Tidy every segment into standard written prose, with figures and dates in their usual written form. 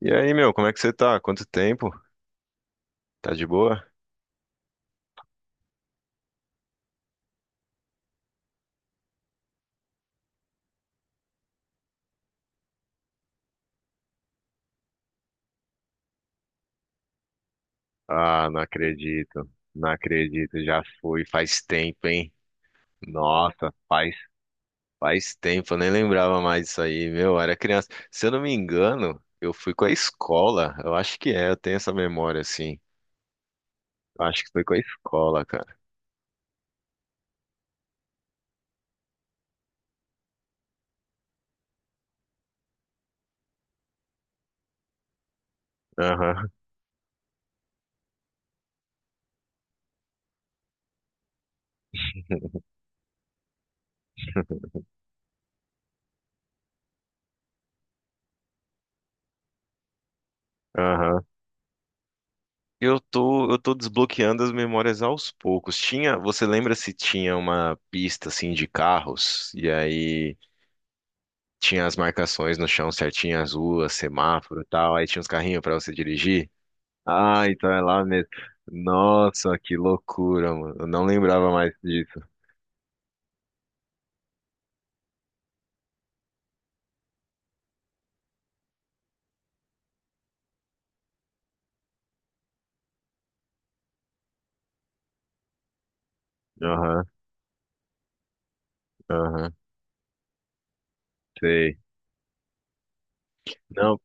E aí, meu, como é que você tá? Quanto tempo? Tá de boa? Ah, não acredito. Não acredito, já foi faz tempo, hein? Nossa, faz tempo, eu nem lembrava mais disso aí, meu, eu era criança. Se eu não me engano, eu fui com a escola, eu acho que é, eu tenho essa memória, assim. Eu acho que foi com a escola, cara. Aham, aham. Eu tô desbloqueando as memórias aos poucos. Tinha, você lembra se tinha uma pista, assim, de carros? E aí tinha as marcações no chão certinho, as ruas, semáforo e tal. Aí tinha uns carrinhos pra você dirigir. Ah, então é lá mesmo. Nossa, que loucura, mano. Eu não lembrava mais disso. Aham, aham, sei. Não,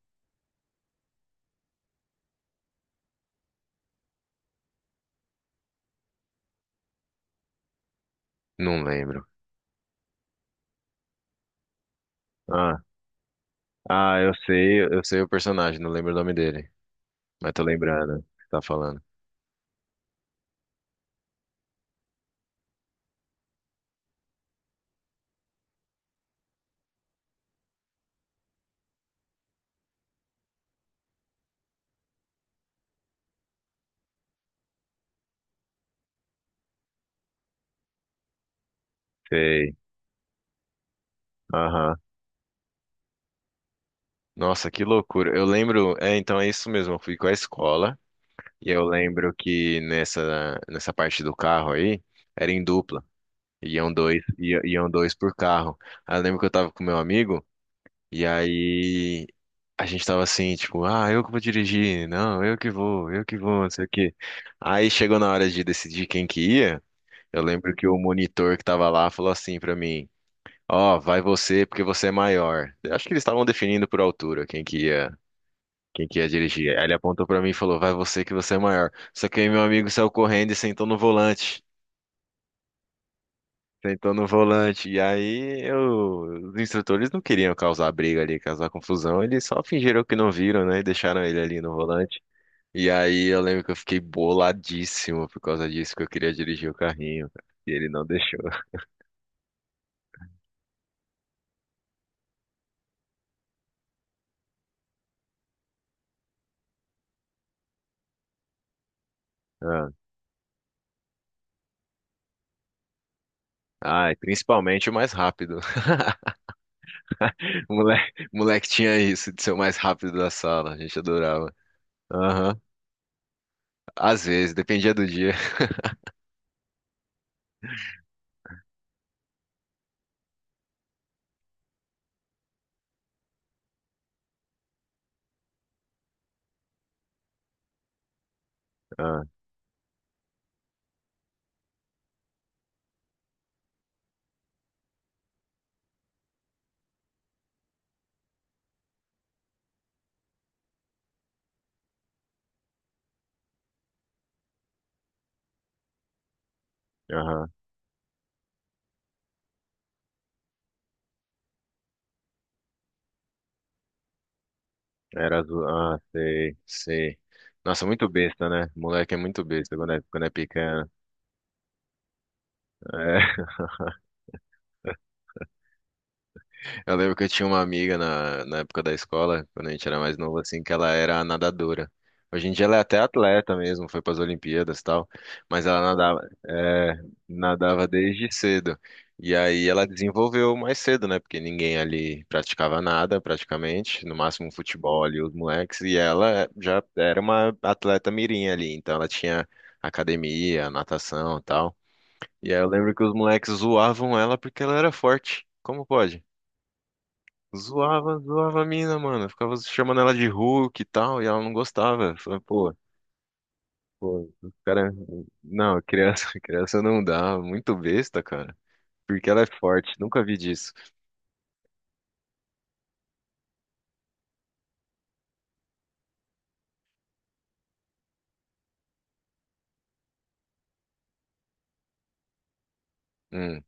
não lembro. Ah, ah, eu sei o personagem, não lembro o nome dele. Mas tô lembrando o que você tá falando. Sei. Aham. Nossa, que loucura. Eu lembro, é, então é isso mesmo. Eu fui com a escola e eu lembro que nessa parte do carro aí era em dupla. Iam dois, iam dois por carro. Aí eu lembro que eu tava com meu amigo, e aí a gente tava assim, tipo, ah, eu que vou dirigir, não, eu que vou, não sei o quê. Aí chegou na hora de decidir quem que ia, eu lembro que o monitor que tava lá falou assim pra mim: ó, vai você porque você é maior. Eu acho que eles estavam definindo por altura quem que ia. Quem que ia dirigir? Aí ele apontou pra mim e falou: vai você que você é maior. Só que aí meu amigo saiu correndo e sentou no volante. Sentou no volante. E aí os instrutores não queriam causar briga ali, causar confusão. Eles só fingiram que não viram, né? E deixaram ele ali no volante. E aí eu lembro que eu fiquei boladíssimo por causa disso, que eu queria dirigir o carrinho, cara. E ele não deixou. Ah, ah, e principalmente o mais rápido. Moleque, moleque tinha isso de ser o mais rápido da sala. A gente adorava. Aham. Às vezes, dependia do dia. Ah, aham. Era azul. Ah, sei, sei. Nossa, muito besta, né? Moleque é muito besta quando é pequeno. É. Eu lembro que eu tinha uma amiga na, na época da escola, quando a gente era mais novo, assim, que ela era nadadora. Hoje em dia ela é até atleta mesmo, foi para as Olimpíadas e tal, mas ela nadava, é, nadava desde cedo. E aí ela desenvolveu mais cedo, né? Porque ninguém ali praticava nada, praticamente, no máximo um futebol ali, os moleques, e ela já era uma atleta mirim ali, então ela tinha academia, natação e tal. E aí eu lembro que os moleques zoavam ela porque ela era forte. Como pode? Zoava, zoava a mina, mano. Ficava chamando ela de Hulk e tal, e ela não gostava. Falei, pô, pô, os cara. Não, criança, criança não dá. Muito besta, cara. Porque ela é forte, nunca vi disso. Hum,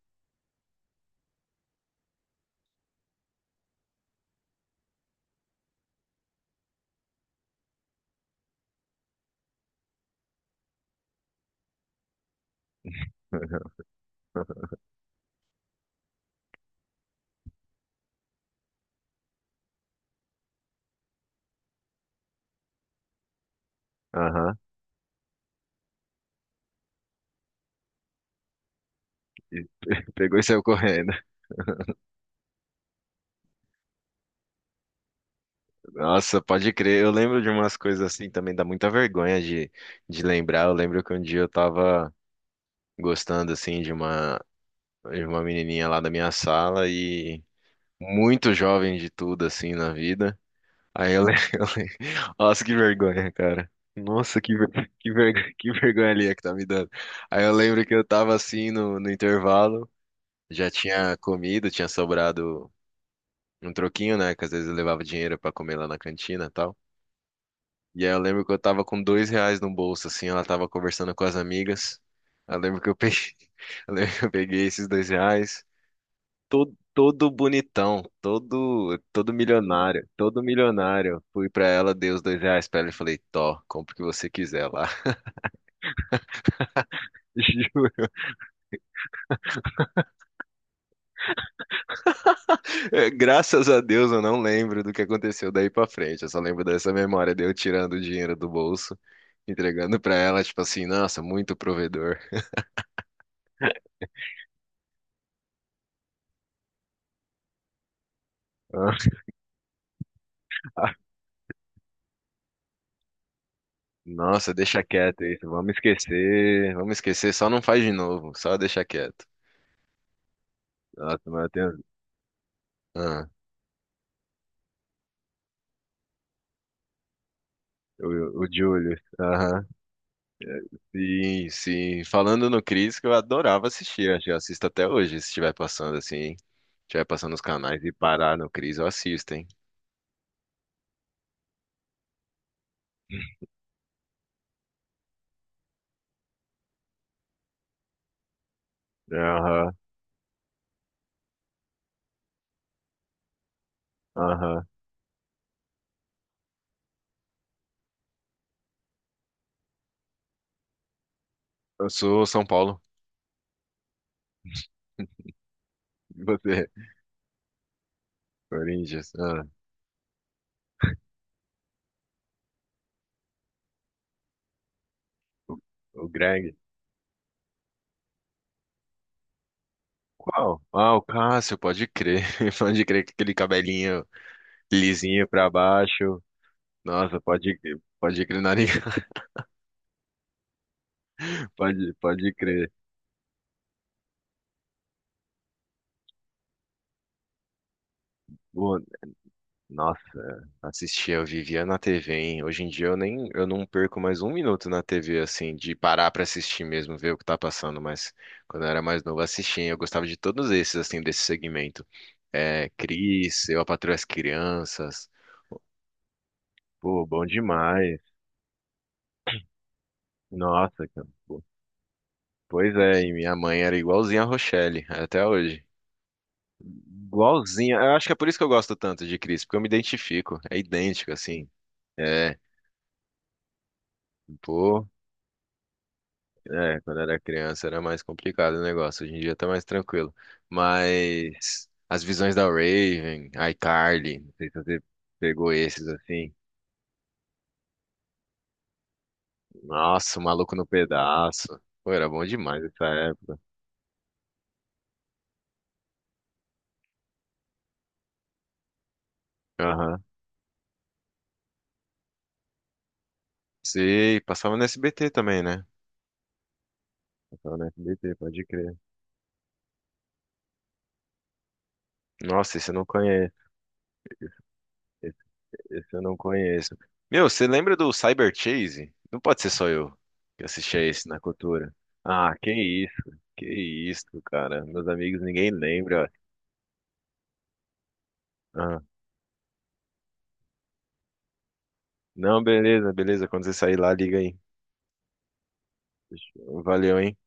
aham. E pegou e saiu correndo. Nossa, pode crer. Eu lembro de umas coisas assim também, dá muita vergonha de lembrar. Eu lembro que um dia eu tava gostando assim de uma menininha lá da minha sala e muito jovem de tudo assim na vida. Aí eu lembro, eu lembro. Nossa, que vergonha, cara. Nossa, que, vergonha, que vergonha ali é que tá me dando. Aí eu lembro que eu tava assim no, no intervalo, já tinha comido, tinha sobrado um troquinho, né? Que às vezes eu levava dinheiro pra comer lá na cantina e tal. E aí eu lembro que eu tava com dois reais no bolso, assim, ela tava conversando com as amigas. Eu lembro que eu peguei, eu lembro que eu peguei esses dois reais todo, todo bonitão, todo, todo milionário, todo milionário. Fui pra ela, dei os dois reais pra ela e falei: Tó, compra o que você quiser lá. Juro. É, graças a Deus eu não lembro do que aconteceu daí pra frente. Eu só lembro dessa memória de eu tirando o dinheiro do bolso, entregando pra ela, tipo assim, nossa, muito provedor. Nossa, deixa quieto isso, vamos esquecer, só não faz de novo, só deixa quieto. Nossa, mas eu tenho... Ah, o Julius, aham. Sim, sim. Falando no Cris, que eu adorava assistir. Acho que eu assisto até hoje, se estiver passando assim. Hein? Se estiver passando nos canais e parar no Cris, eu assisto, hein? Aham, aham. Eu sou São Paulo. E você, Corinthians. Ah, o, o Greg. Qual? Ah, o Cássio, pode crer. Pode crer que aquele cabelinho lisinho pra baixo. Nossa, pode crer, nariz. Pode, pode crer. Nossa, assistia, eu vivia na TV, hein? Hoje em dia eu nem, eu não perco mais um minuto na TV, assim, de parar pra assistir mesmo, ver o que tá passando, mas quando eu era mais novo, eu assistia, hein? Eu gostava de todos esses, assim, desse segmento. É, Cris, Eu, a Patroa e as Crianças, pô, bom demais. Nossa, cara. Pô. Pois é, e minha mãe era igualzinha a Rochelle, até hoje. Igualzinha, eu acho que é por isso que eu gosto tanto de Cris, porque eu me identifico, é idêntico, assim. É, pô. É, quando era criança era mais complicado o negócio. Hoje em dia tá mais tranquilo. Mas As Visões da Raven, iCarly, não sei se você pegou esses assim. Nossa, O Maluco no Pedaço. Pô, era bom demais essa época. Aham. Sim, passava no SBT também, né? Passava no SBT, pode crer. Nossa, esse eu não conheço. Esse eu não conheço. Meu, você lembra do Cyber Chase? Não pode ser só eu que assisti a esse na cultura. Ah, que isso, cara. Meus amigos, ninguém lembra. Ah, não, beleza, beleza. Quando você sair lá, liga aí. Fechou. Valeu, hein?